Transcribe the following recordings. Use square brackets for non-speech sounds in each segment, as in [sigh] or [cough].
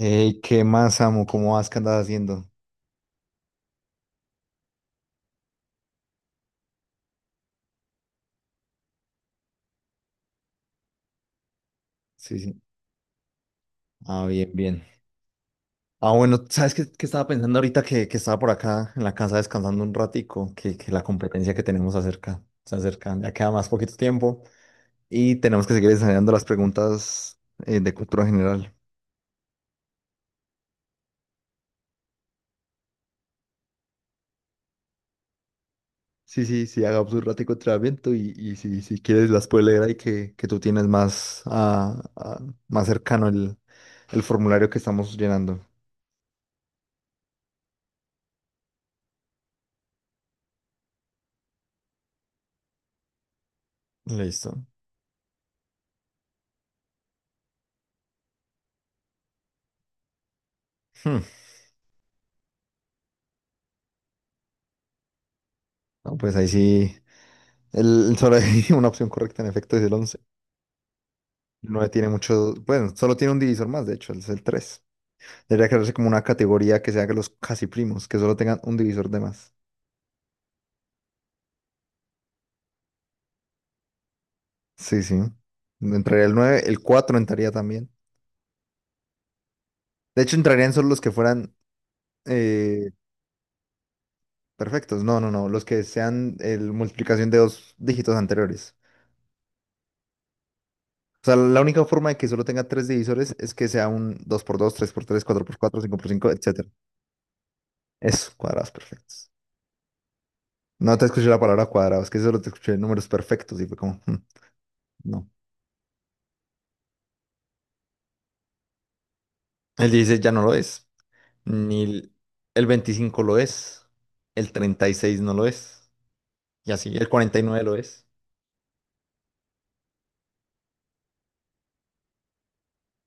Ey, ¿qué más, amo? ¿Cómo vas? ¿Qué andas haciendo? Sí, sí. Ah, bien, bien. Ah, bueno, ¿sabes qué estaba pensando ahorita que estaba por acá en la casa descansando un ratico? Que la competencia que tenemos se acerca, ya queda más poquito tiempo y tenemos que seguir ensayando las preguntas de cultura general. Sí, sí, sí, hagamos un ratico de entrenamiento y si quieres las puedes leer ahí que tú tienes más cercano el formulario que estamos llenando. Listo. Hmm. No, pues ahí sí. Solo hay [laughs] una opción correcta, en efecto, es el 11. El 9 tiene mucho, bueno, solo tiene un divisor más, de hecho, es el tres. Debería crearse como una categoría que sea que los casi primos, que solo tengan un divisor de más. Sí, sí. Entraría el nueve, el 4 entraría también. De hecho, entrarían solo los que fueran eh, perfectos. No, no, no, los que sean multiplicación de dos dígitos anteriores. O sea, la única forma de que solo tenga tres divisores es que sea un dos por dos, tres por tres, cuatro por cuatro, cinco por cinco, etcétera. Eso, cuadrados perfectos. No te escuché la palabra cuadrado, es que solo te escuché números perfectos y fue como, "Hmm, no. El 16 ya no lo es, ni el 25 lo es, el 36 no lo es, y así, el 49 lo es,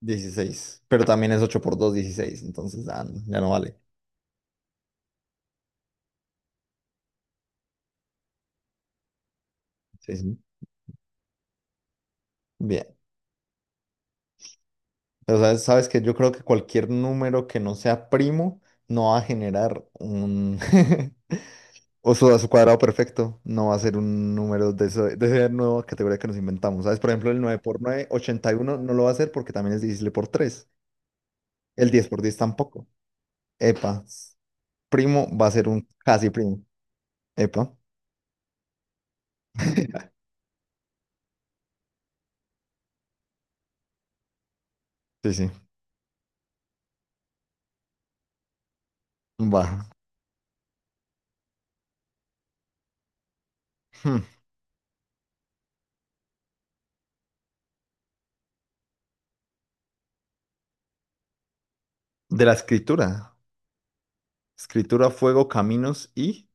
16. Pero también es 8 por 2, 16. Entonces ya, no, ya no vale. Sí, sí. Bien, pero sabes que yo creo que cualquier número que no sea primo no va a generar un, [laughs] A su cuadrado perfecto no va a ser un número de esa nueva categoría que nos inventamos. ¿Sabes? Por ejemplo, el 9 por nueve, 81, no lo va a hacer porque también es divisible por tres. El 10 por 10 tampoco. Epa. Primo va a ser un casi primo. Epa. [laughs] Sí, sí. Va. Hmm. De la escritura. Escritura, fuego, caminos y.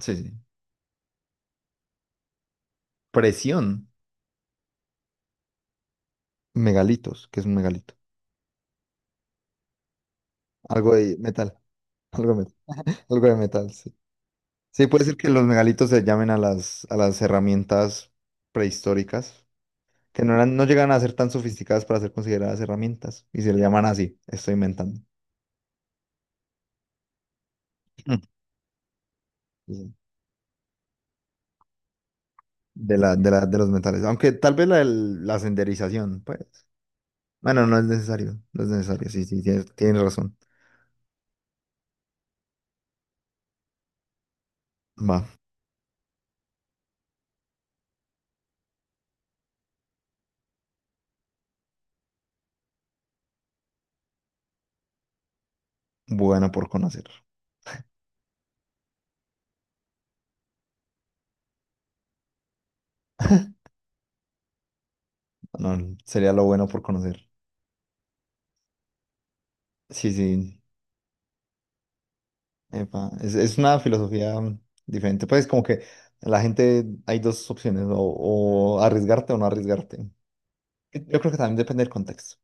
Sí, sí. Presión. Megalitos, que es un megalito. Algo de metal. Algo de metal. Algo de metal, sí. Sí, puede ser que los megalitos se llamen a las herramientas prehistóricas, que no eran, no llegan a ser tan sofisticadas para ser consideradas herramientas, y se le llaman así, estoy inventando. Mm. Sí, de los metales. Aunque tal vez la senderización, pues. Bueno, no es necesario. No es necesario. Sí, sí, tienes razón. Va. Bueno por conocer. No, sería lo bueno por conocer. Sí, sí. Epa, es una filosofía diferente. Pues como que la gente hay dos opciones, o arriesgarte o no arriesgarte. Yo creo que también depende del contexto.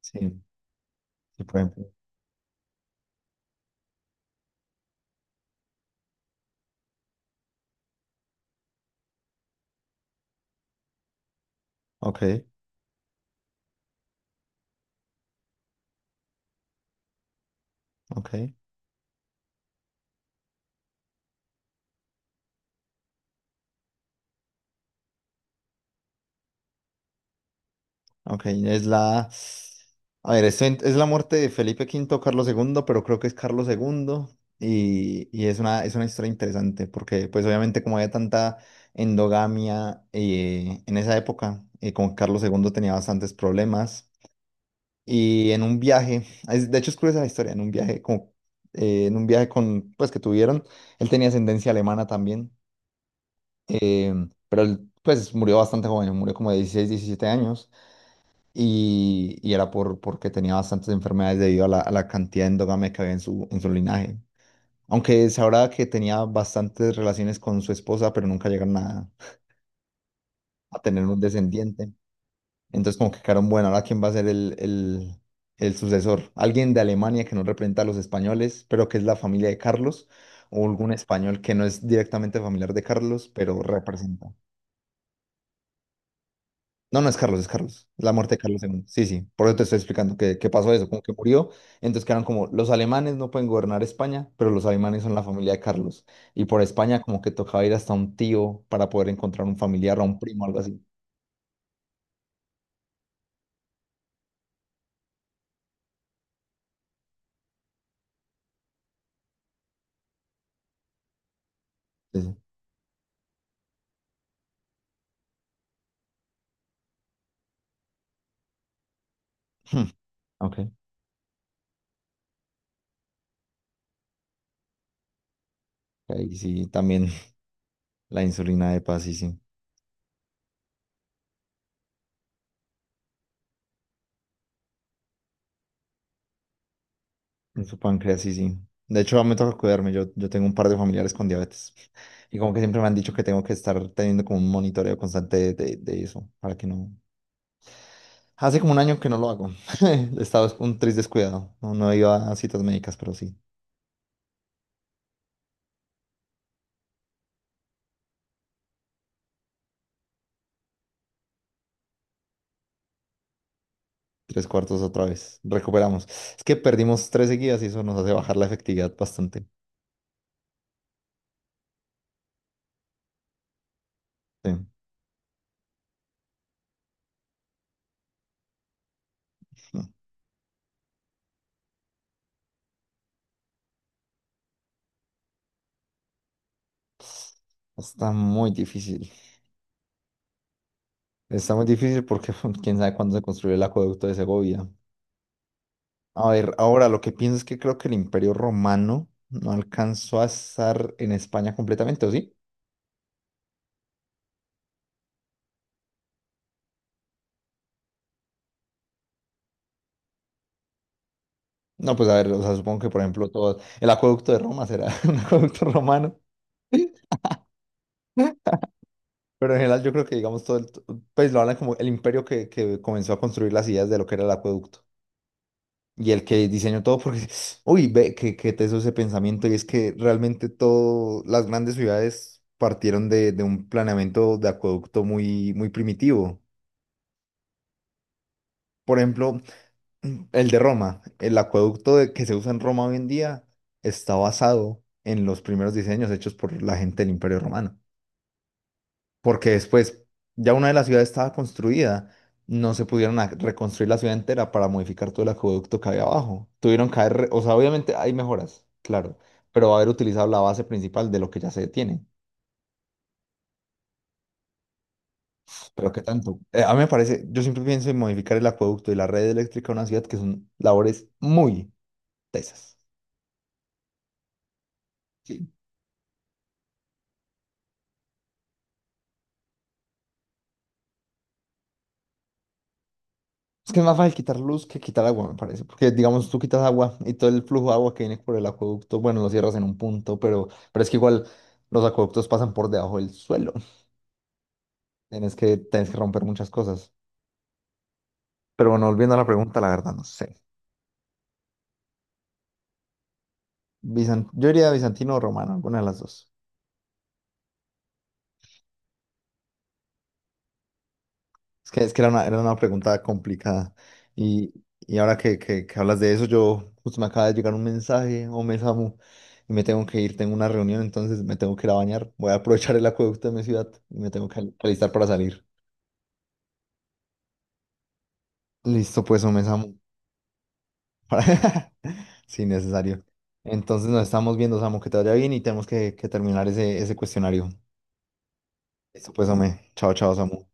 Sí, sí, por ejemplo. Ok, ok, ok. Es la. A ver, es la muerte de Felipe Quinto, Carlos segundo, pero creo que es Carlos segundo. Y es una historia interesante porque pues obviamente como había tanta endogamia en esa época, con Carlos segundo tenía bastantes problemas. Y en un viaje, de hecho es curiosa la historia, en un viaje como, en un viaje con, pues que tuvieron, él tenía ascendencia alemana también. eh, pero él pues murió bastante joven, murió como de 16, 17 años y era porque tenía bastantes enfermedades debido a la cantidad de endogamia que había en su linaje. Aunque se sabrá que tenía bastantes relaciones con su esposa, pero nunca llegaron a tener un descendiente. Entonces como que quedaron, bueno, ahora quién va a ser el sucesor. Alguien de Alemania que no representa a los españoles, pero que es la familia de Carlos, o algún español que no es directamente familiar de Carlos, pero representa. No, no es Carlos, es Carlos. Es la muerte de Carlos II. Sí, sí, por eso te estoy explicando que pasó eso, como que murió. Entonces quedaron como, los alemanes no pueden gobernar España, pero los alemanes son la familia de Carlos. Y por España como que tocaba ir hasta un tío para poder encontrar un familiar o un primo, algo así. Sí, sí. Hmm, ok, ok, ahí sí también. La insulina de paz, sí, sí. En su páncreas, sí, sí. De hecho, me toca cuidarme. Yo tengo un par de familiares con diabetes. Y como que siempre me han dicho que tengo que estar teniendo como un monitoreo constante de eso, para que no. Hace como un año que no lo hago. [laughs] He estado un tris descuidado. No, no iba a citas médicas, pero sí. Tres cuartos otra vez. Recuperamos. Es que perdimos tres seguidas y eso nos hace bajar la efectividad bastante. Sí. No. Está muy difícil. Está muy difícil porque [laughs] quién sabe cuándo se construyó el acueducto de Segovia. A ver, ahora lo que pienso es que creo que el Imperio Romano no alcanzó a estar en España completamente, ¿o sí? No, pues a ver, o sea, supongo que por ejemplo todo el acueducto de Roma será [laughs] un acueducto romano, pero en general yo creo que digamos pues lo hablan como el imperio que comenzó a construir las ideas de lo que era el acueducto y el que diseñó todo porque, [laughs] uy, ve que te hizo ese pensamiento y es que realmente todo, las grandes ciudades partieron de un planeamiento de acueducto muy, muy primitivo. Por ejemplo, el de Roma, el acueducto que se usa en Roma hoy en día está basado en los primeros diseños hechos por la gente del Imperio Romano, porque después ya una de las ciudades estaba construida, no se pudieron reconstruir la ciudad entera para modificar todo el acueducto que había abajo. Tuvieron que haber, o sea, obviamente hay mejoras, claro, pero haber utilizado la base principal de lo que ya se tiene. Pero qué tanto. A mí me parece, yo siempre pienso en modificar el acueducto y la red eléctrica de una ciudad que son labores muy tesas. Es que es más fácil quitar luz que quitar agua, me parece, porque digamos tú quitas agua y todo el flujo de agua que viene por el acueducto, bueno, lo cierras en un punto, pero es que igual los acueductos pasan por debajo del suelo. Tienes que romper muchas cosas. Pero bueno, volviendo a la pregunta, la verdad no sé. Yo diría bizantino o romano, alguna de las dos. Es que era una pregunta complicada. Y, y ahora que hablas de eso, yo justo me acaba de llegar un mensaje o me Samu, y me tengo que ir, tengo una reunión, entonces me tengo que ir a bañar. Voy a aprovechar el acueducto de mi ciudad y me tengo que alistar para salir. Listo, pues, Ome Samu. [laughs] Sí, necesario. Entonces nos estamos viendo, Samu, que te vaya bien y tenemos que terminar ese cuestionario. Listo, pues, Ome. Chao, chao, Samu.